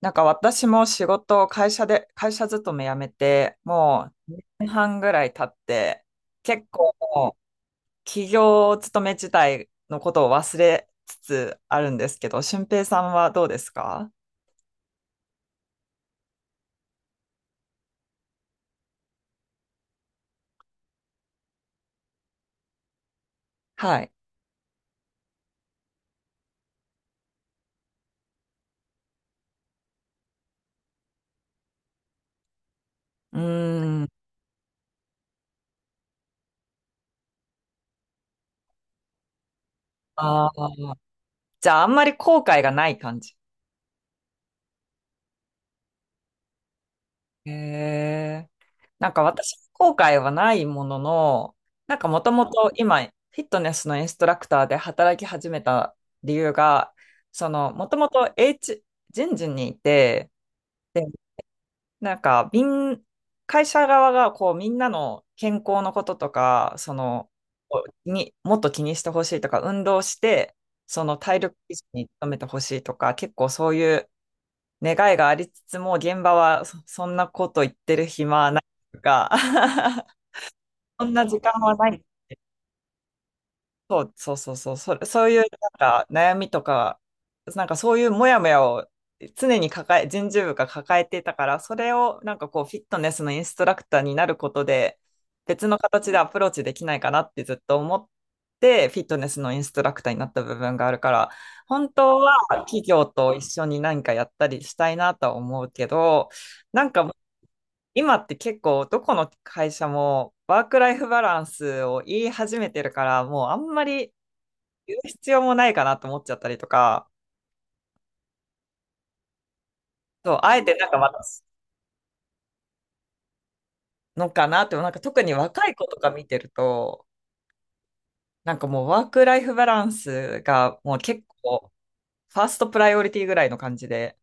なんか私も仕事を会社で、会社勤め辞めて、もう2年半ぐらい経って、結構もう企業勤め自体のことを忘れつつあるんですけど、俊平さんはどうですか？はい。うーん。ああ。じゃあ、あんまり後悔がない感じ。へえ。なんか私の後悔はないものの、なんかもともと今、フィットネスのインストラクターで働き始めた理由が、その、もともと 人事にいて、で、なんか、みん、会社側がこう、みんなの健康のこととか、その、に、もっと気にしてほしいとか、運動して、その体力維持に努めてほしいとか、結構そういう願いがありつつも、現場はそ、そんなこと言ってる暇はないとか、そんな時間はない。そういう悩みとか、なんかそういうモヤモヤを常に抱え、人事部が抱えてたから、それをなんかこうフィットネスのインストラクターになることで、別の形でアプローチできないかなってずっと思って、フィットネスのインストラクターになった部分があるから、本当は企業と一緒に何かやったりしたいなとは思うけど、なんか今って結構どこの会社もワークライフバランスを言い始めてるから、もうあんまり言う必要もないかなと思っちゃったりとか、そう、あえてなんかまたのかなって、なんか特に若い子とか見てると、なんかもうワークライフバランスがもう結構ファーストプライオリティぐらいの感じで、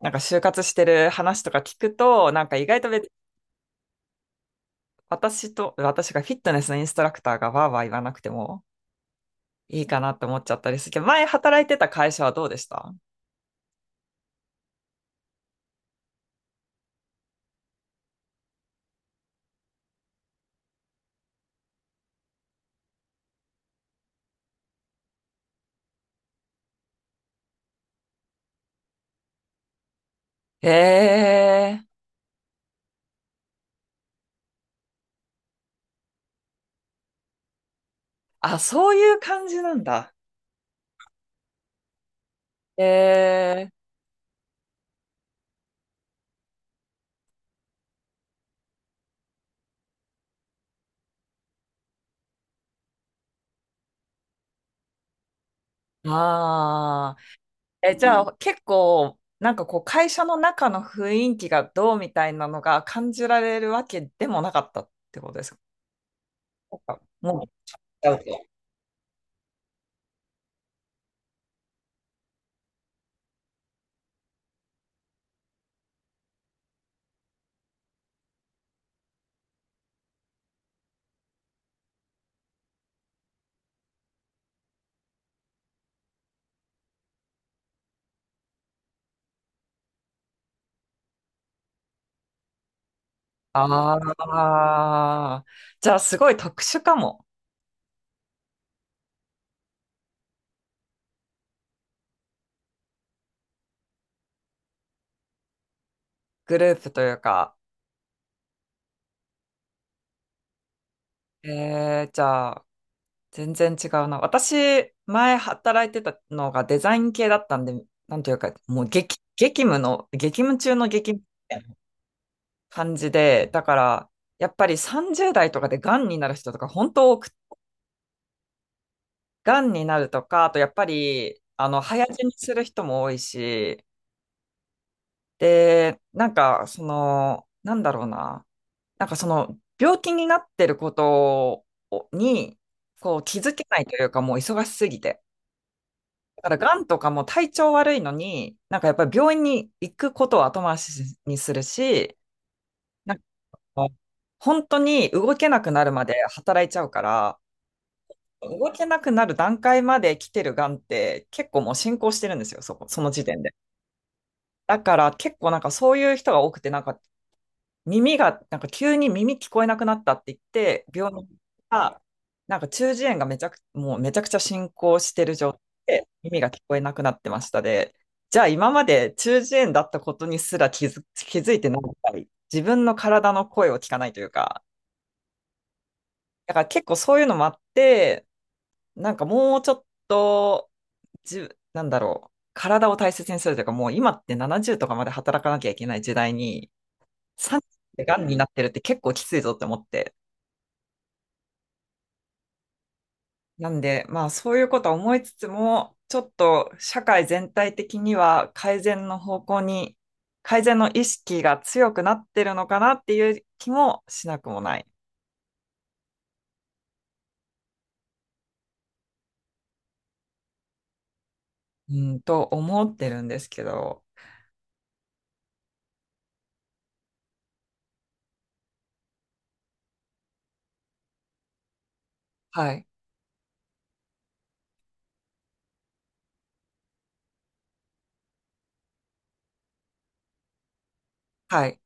なんか就活してる話とか聞くと、なんか意外と別、私と、私がフィットネスのインストラクターがわーわー言わなくても、いいかなって思っちゃったりするけど、前働いてた会社はどうでした？へえ。あ、そういう感じなんだ。へえ。ああ。え、じゃあ、結構、なんかこう、会社の中の雰囲気がどうみたいなのが感じられるわけでもなかったってことですか？なんかもう、ああ、じゃあすごい特殊かも。グループというか。えー、じゃあ全然違うな。私、前働いてたのがデザイン系だったんで、なんというか、もう激、激務の、激務中の激務みたいな感じで、だから、やっぱり30代とかで癌になる人とか本当多く、癌になるとか、あとやっぱり、早死にする人も多いし、で、なんだろうな。なんかその病気になってることにこう気づけないというか、もう忙しすぎて。だから癌とかも体調悪いのに、なんかやっぱり病院に行くことを後回しにするし、なんか本当に動けなくなるまで働いちゃうから、動けなくなる段階まで来てる癌って結構もう進行してるんですよ、その時点で。だから結構なんかそういう人が多くて、なんか耳が、なんか急に耳聞こえなくなったって言って、病院にたなんか中耳炎がめちゃく、もうめちゃくちゃ進行してる状態で、耳が聞こえなくなってましたで、じゃあ今まで中耳炎だったことにすら気づいてないぐらい、自分の体の声を聞かないというか、だから結構そういうのもあって、なんかもうちょっと、じゅ、なんだろう、体を大切にするというか、もう今って70とかまで働かなきゃいけない時代に、30でがんになってるって結構きついぞって思って、なんで、まあそういうことは思いつつも、ちょっと社会全体的には改善の方向に、改善の意識が強くなってるのかなっていう気もしなくもない、うんと思ってるんですけど、はい、はい。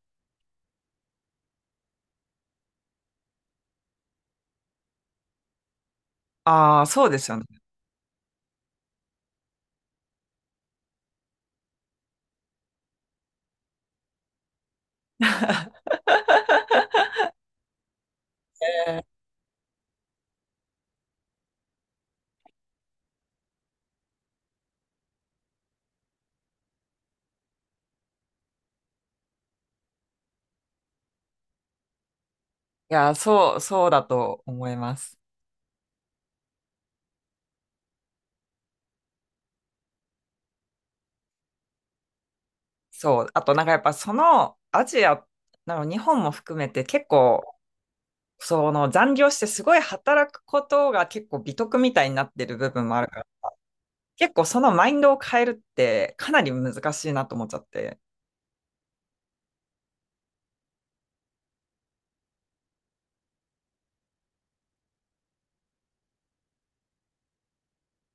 ああ、そうですよね。いや、そうだと思います。そう。あとなんかやっぱそのアジア、なの日本も含めて結構、その残業してすごい働くことが結構美徳みたいになってる部分もあるから、結構そのマインドを変えるってかなり難しいなと思っちゃって。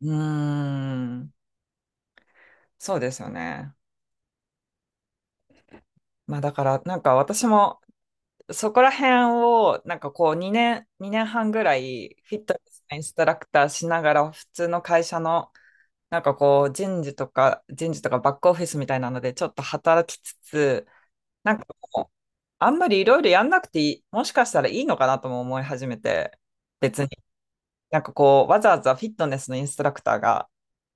うーん、そうですよね。まあだからなんか私もそこら辺をなんかこう2年半ぐらいフィットネスのインストラクターしながら普通の会社のなんかこう人事とかバックオフィスみたいなのでちょっと働きつつ、なんかもうあんまりいろいろやんなくていい、もしかしたらいいのかなとも思い始めて、別になんかこうわざわざフィットネスのインストラクターが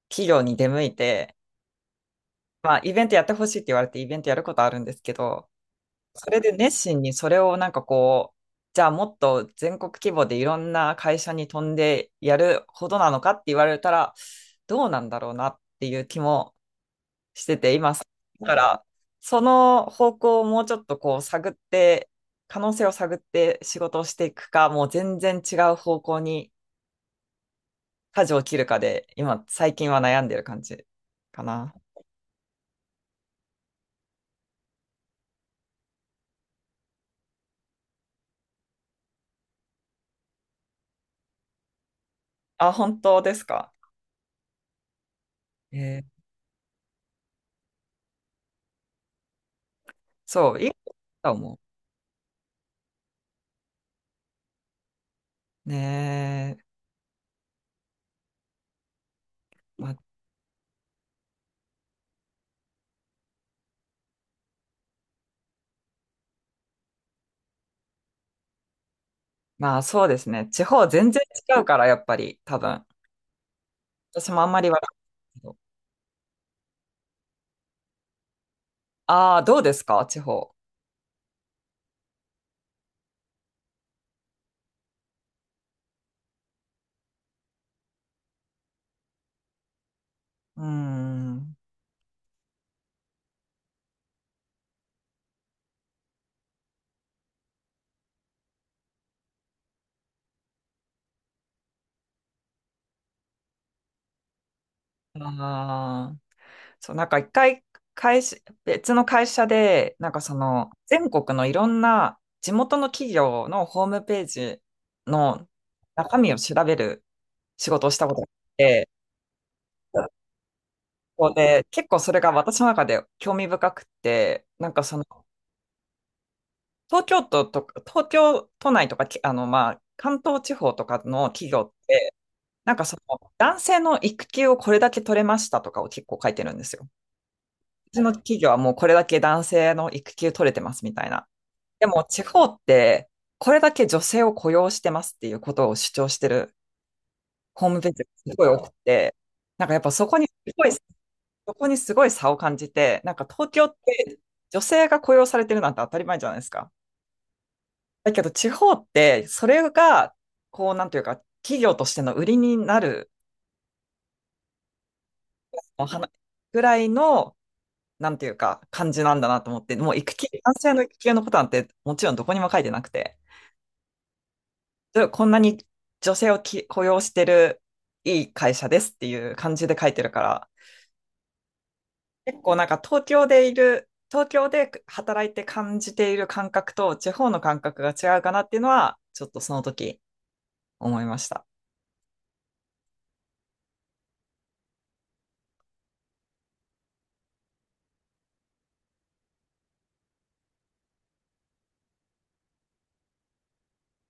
企業に出向いて、まあ、イベントやってほしいって言われてイベントやることあるんですけど、それで熱心にそれをなんかこう、じゃあもっと全国規模でいろんな会社に飛んでやるほどなのかって言われたら、どうなんだろうなっていう気もしています。だから、その方向をもうちょっとこう探って、可能性を探って仕事をしていくか、もう全然違う方向に舵を切るかで、今、最近は悩んでる感じかな。あ、本当ですか？えー、そう、いいと思う。ねえ、ま、まあそうですね。地方全然違うから、やっぱり、多分。私もあんまりわかんないけど。ああ、どうですか、地方。うーん。ああ、そう、なんか一回、会社、別の会社で、なんかその、全国のいろんな地元の企業のホームページの中身を調べる仕事をしたことがあって、ここで、結構それが私の中で興味深くって、なんかその、東京都内とか、きあの、まあ、関東地方とかの企業って、なんかその、男性の育休をこれだけ取れましたとかを結構書いてるんですよ。うちの企業はもうこれだけ男性の育休取れてますみたいな。でも、地方って、これだけ女性を雇用してますっていうことを主張してるホームページがすごい多くて、なんかやっぱそこにすごい、そこにすごい差を感じて、なんか東京って女性が雇用されてるなんて当たり前じゃないですか。だけど地方って、それが、こう、なんていうか、企業としての売りになる、お話ぐらいの、なんていうか、感じなんだなと思って、もう育休、男性の育休のことなんて、もちろんどこにも書いてなくて、でこんなに女性をき雇用してるいい会社ですっていう感じで書いてるから、結構なんか東京で働いて感じている感覚と地方の感覚が違うかなっていうのは、ちょっとその時思いました。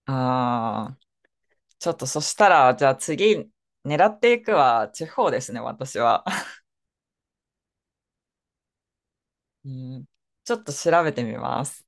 ああ。ちょっとそしたら、じゃあ次、狙っていくは地方ですね、私は。うん、ちょっと調べてみます。